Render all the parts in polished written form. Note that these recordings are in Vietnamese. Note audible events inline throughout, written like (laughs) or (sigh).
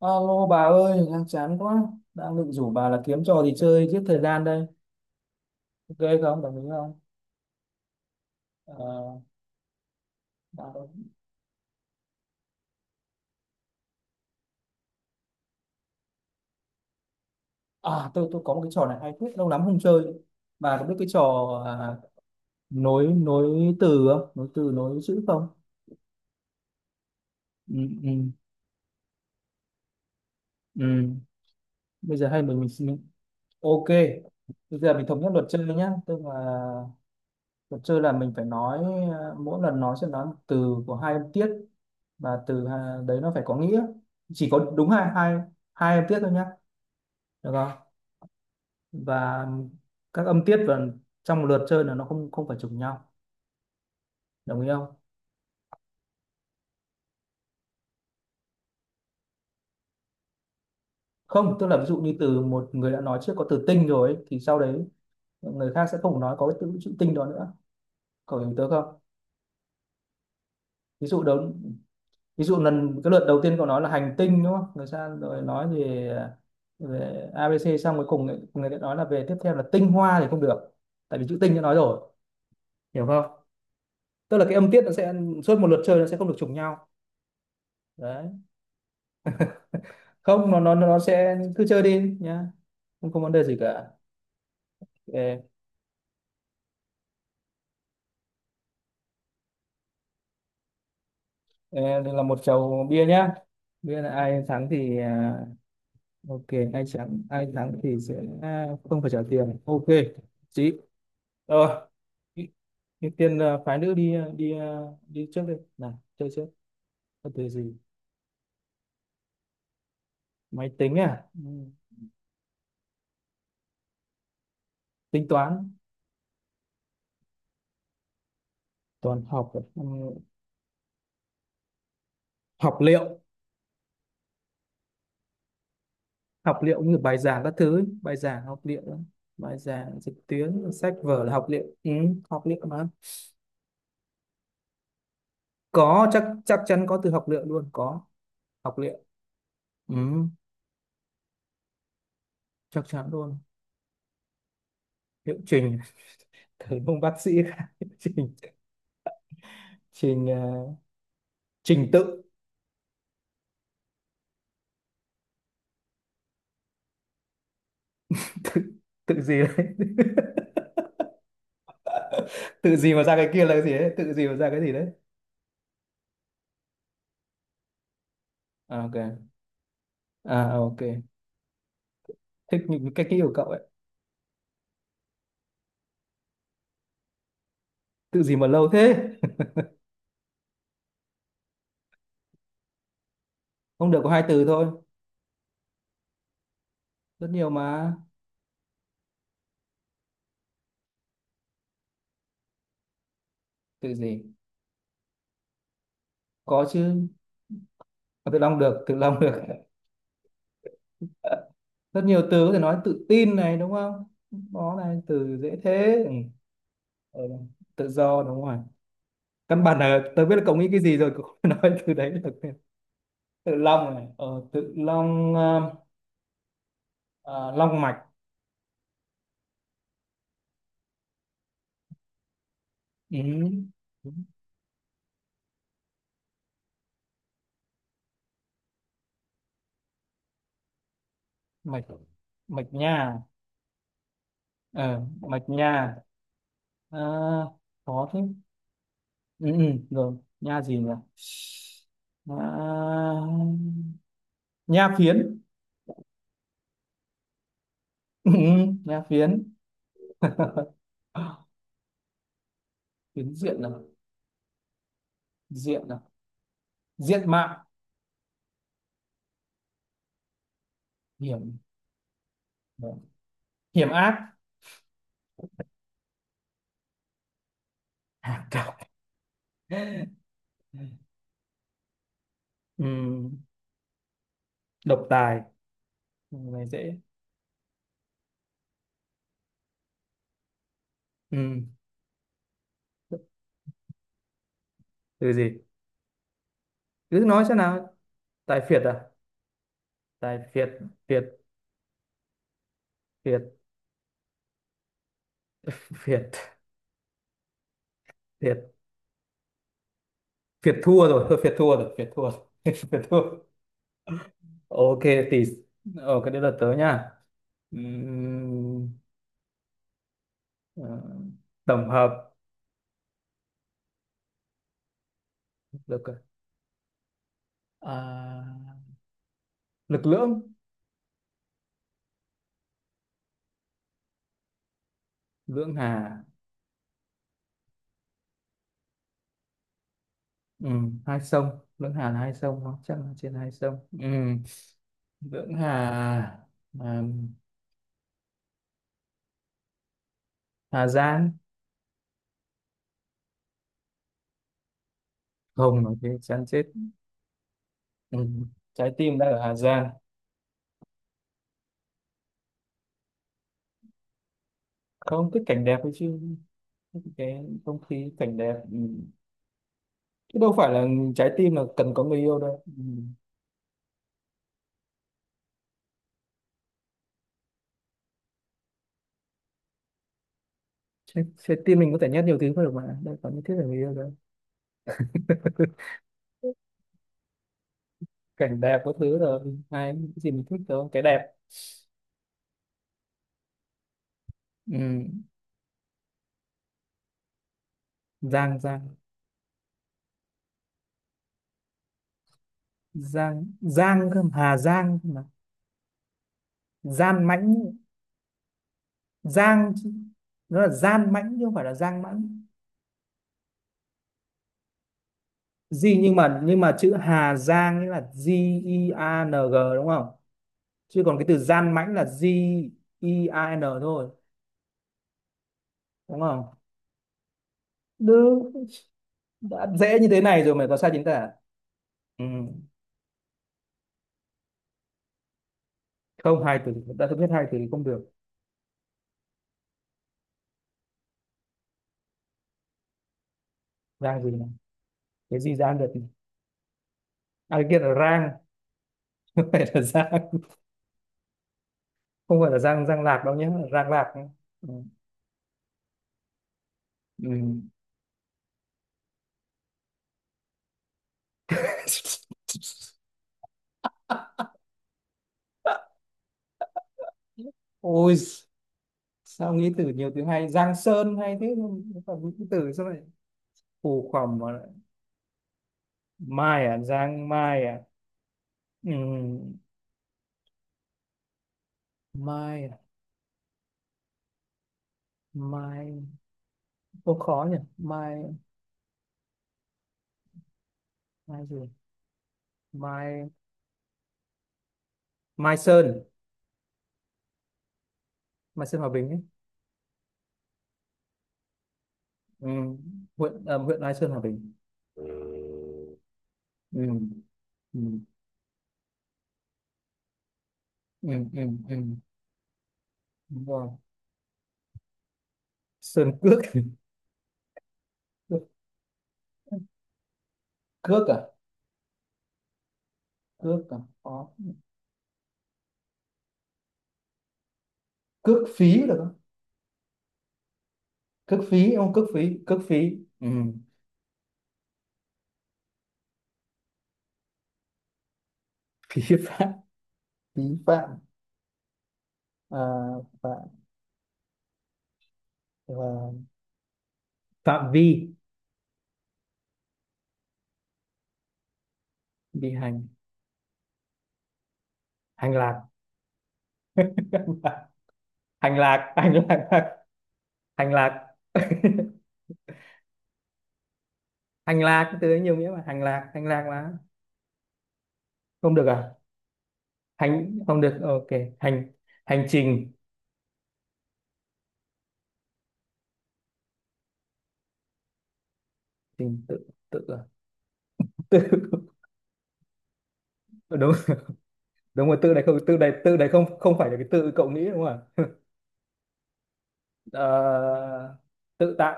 Alo bà ơi, đang chán quá. Đang định rủ bà là kiếm trò gì chơi giết thời gian đây. Ok không? Đồng ý không? Ờ, bà đâu? À, tôi có một cái trò này hay phết, lâu lắm không chơi. Bà có biết cái trò, à, nối nối từ không? Nối từ nối chữ không? Ừ, ừ, ừ. Bây giờ hay mình ok. Bây giờ mình thống nhất luật chơi nhá. Tức là luật chơi là mình phải nói mỗi lần nói sẽ nói một từ của hai âm tiết, và từ đấy nó phải có nghĩa. Chỉ có đúng hai hai hai âm tiết thôi nhá, được không, và các âm tiết, và trong một lượt chơi là nó không không phải trùng nhau, đồng ý không? Không, tức là ví dụ như từ một người đã nói trước có từ tinh rồi ấy, thì sau đấy người khác sẽ không nói có cái từ chữ tinh đó nữa, cậu hiểu tớ không? Ví dụ đó, ví dụ lần cái lượt đầu tiên cậu nói là hành tinh đúng không, người sang rồi nói về về a ABC xong cuối cùng người ta nói là về, tiếp theo là tinh hoa thì không được, tại vì chữ tinh đã nói rồi, hiểu không? Tức là cái âm tiết nó sẽ suốt một lượt chơi nó sẽ không được trùng nhau đấy. Không, nó sẽ cứ chơi đi nhá, không có vấn đề gì cả. Ê, ê, đây là một chầu bia nhá, bia là ai thắng thì ok, ai thắng thì sẽ không phải trả tiền, ok chị, rồi. Ưu ưu tiên phái nữ đi đi đi trước đi, nào chơi trước, có từ gì. Máy tính à, ừ. Tính toán. Toán học à? Ừ. Học liệu. Học liệu như bài giảng các thứ ấy. Bài giảng học liệu đó. Bài giảng trực tuyến sách vở là học liệu, ừ, học liệu mà, có chắc chắc chắn có từ học liệu luôn, có học liệu, ừ, chắc chắn luôn. Liệu trình. (laughs) thầy ông bác sĩ (laughs) liệu trình. Trình trình tự. (laughs) tự, tự gì đấy. (laughs) tự gì mà ra cái kia là cái gì đấy, tự gì mà ra cái gì đấy. À, ok. À, ok. Thích những cái kỹ của cậu ấy. Tự gì mà lâu thế. (laughs) không được, có hai từ thôi, rất nhiều mà. Tự gì, có chứ. À, tự long được, tự long được. (laughs) rất nhiều từ có thể nói, tự tin này đúng không, đó này từ dễ thế. Ừ, ờ, tự do đúng rồi, căn bản là tớ biết là cậu nghĩ cái gì rồi, cậu không (laughs) phải nói từ đấy được. Tự long này, tự long, ờ, long mạch. Ừ, đúng. Mạch mạch nha, ờ, mạch nha. Ờ, có thế. Ừ, ừ, rồi nha gì nhỉ, à, nha phiến. (laughs) Ừ, ừ, nha phiến. (laughs) phiến diện là, diện là, diện mạo. Hiểm, hiểm ác. (laughs) Hả, cậu. Ừ. Độc tài. Câu này dễ. Ừ. Từ gì? Cứ nói xem nào. Tài phiệt à, tài phiệt. Phiệt, phiệt. (laughs) phiệt, phiệt, phiệt thua rồi thôi, phiệt thua rồi, phiệt thua rồi. (laughs) phiệt thua. Ok thì, cái đấy là tớ nha. Ừm, ờ, tổng hợp, được rồi. À, lực lưỡng. Lưỡng hà. Ừ, hai sông lưỡng hà là hai sông không, chắc là trên hai sông, ừ, lưỡng hà. À, Hà Giang, không nói thế chán chết. Ừ. Trái tim đang ở Hà Giang, không thích cảnh đẹp ấy chứ, cái không khí cảnh đẹp, ừ. Chứ đâu phải là trái tim là cần có người yêu đâu, ừ. Trái tim mình có thể nhét nhiều thứ vào được mà, đâu có nhất thiết là người yêu đâu. (laughs) cảnh đẹp có thứ rồi, ai cái gì mình thích thôi, cái đẹp, ừ. Giang, Giang, Giang Giang cơ mà. Hà Giang cơ mà. Gian mãnh. Giang chứ. Nó là gian mãnh chứ không phải là Giang mãnh gì, nhưng mà chữ Hà Giang nghĩa là G E A N G đúng không, chứ còn cái từ gian mãnh là G E A N thôi, đúng không? Được. Đã dễ như thế này rồi mày có sai chính tả. Ừ. Không, hai từ, đã biết hai từ thì không được. Rang gì này, cái gì rang được này. À, cái kia là rang. (laughs) không phải là rang, không phải là rang, rang lạc đâu nhé, rang lạc nhé. Ừ. Ừ. (laughs) ôi, sao nghĩ từ nhiều từ hay, giang sơn hay thế, nhưng mà còn những cái từ sao lại phù khoằm mà lại mai à, giang mai à, ừ. Mai à? Mai, ô khó nhỉ. Mai, Mai gì, Mai. Mai Sơn. Mai Sơn Hòa Bình ấy. Ừ. Huyện huyện Mai Sơn Hòa Bình, ừ. Ừ. Ừ. Ừ. Ừ. Đúng rồi. Sơn Cước. (laughs) cước, cước à, cước à, có, cước phí được không, cước phí, không cước phí, cước phí. Ừ. (laughs) phí phạm, phí phạm. À, phạm, và phạm vi. Vi hành. Hành lạc. (laughs) hành lạc, hành lạc, hành lạc, hành lạc. (laughs) hành lạc từ ấy nhiều nghĩa mà, hành lạc, hành lạc mà. Không được à, hành không được, ok hành, hành trình. Trình tự. Tự à? (laughs) tự đúng, đúng rồi, tự này không, tự này, tự này không không phải là cái tự cậu nghĩ đúng không ạ. Ờ, tự tại.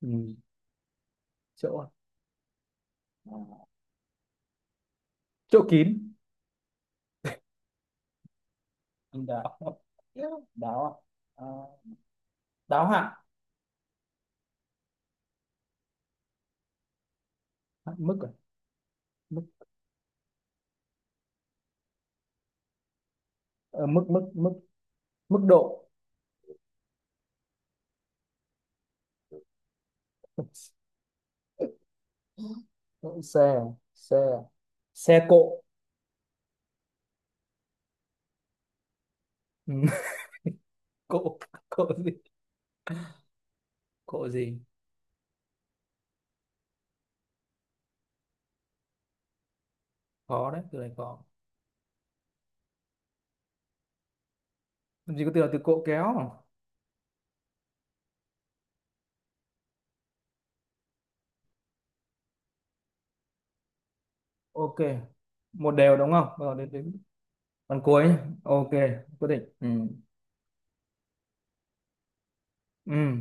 Ừ, chỗ, chỗ kín. Đáo, đáo à? Ờ, đáo hạn. À, mức à? Mức, ờ, mức, mức, mức, mức độ. Độ xe à? Xe à? Xe cộ. Ừ. (laughs) cộ, cộ gì, cộ gì, khó đấy, từ này khó, làm gì có từ là từ cộ kéo. Ok, một đều đúng không, rồi đến đến phần cuối nhé. Ok. Quyết định, ừ. Ừ.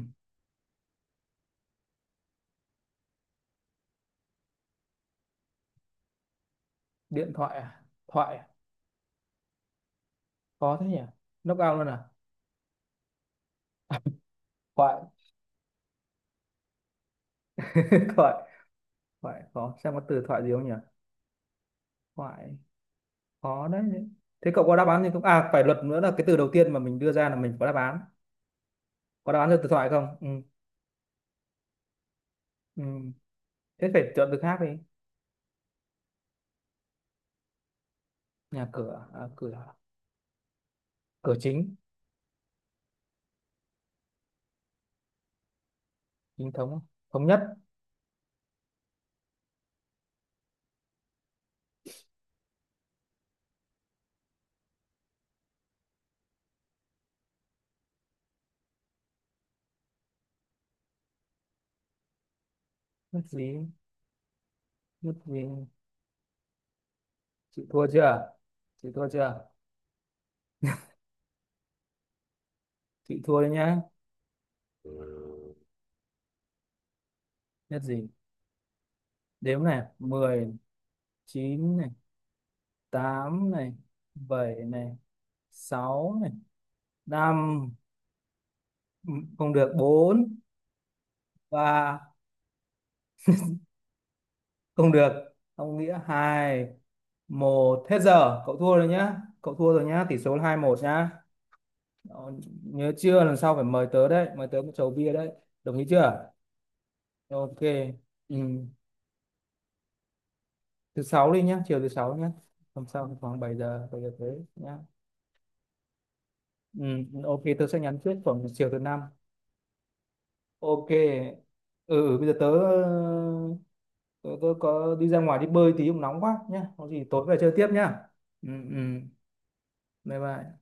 Điện thoại à? Thoại à? Khó thế nhỉ, knock out luôn à. Thoại. (laughs) thoại. Thoại khó, xem có từ thoại gì không nhỉ. Thoại, khó đấy. Thế cậu có đáp án thì không, à phải luật nữa là cái từ đầu tiên mà mình đưa ra là mình có đáp án, có đáp án cho từ thoại không? Ừ. Ừ. Thế phải chọn từ khác đi. Nhà cửa à, à, cửa à? Cửa chính. Chính thống. Thống nhất. Nhất gì, nhất gì. Chị thua chưa? Chị thua chưa? Chị thua đấy nhá. Nhất gì? Đếm này, mười, chín này, 8 này, 7 này, 6 này, năm. Ừ, không được, bốn, ba, không được, không nghĩa, hai, một, hết giờ. Cậu thua rồi nhá. Cậu thua rồi nhá, tỷ số là 2-1 nhá. Đó, nhớ chưa? Lần sau phải mời tớ đấy, mời tớ một chầu bia đấy. Đồng ý chưa? Ok. Ừ. Thứ sáu đi nhá, chiều thứ sáu nhá. Hôm sau khoảng 7 giờ, 7 giờ tới nhá. Ừ, ok tớ sẽ nhắn trước khoảng chiều thứ năm. Ok. Ừ, ừ, bây giờ tớ, tớ có đi ra ngoài đi bơi tí, cũng nóng quá nhá, có gì tối về chơi tiếp nhá. Ừ, ừ, bye bye.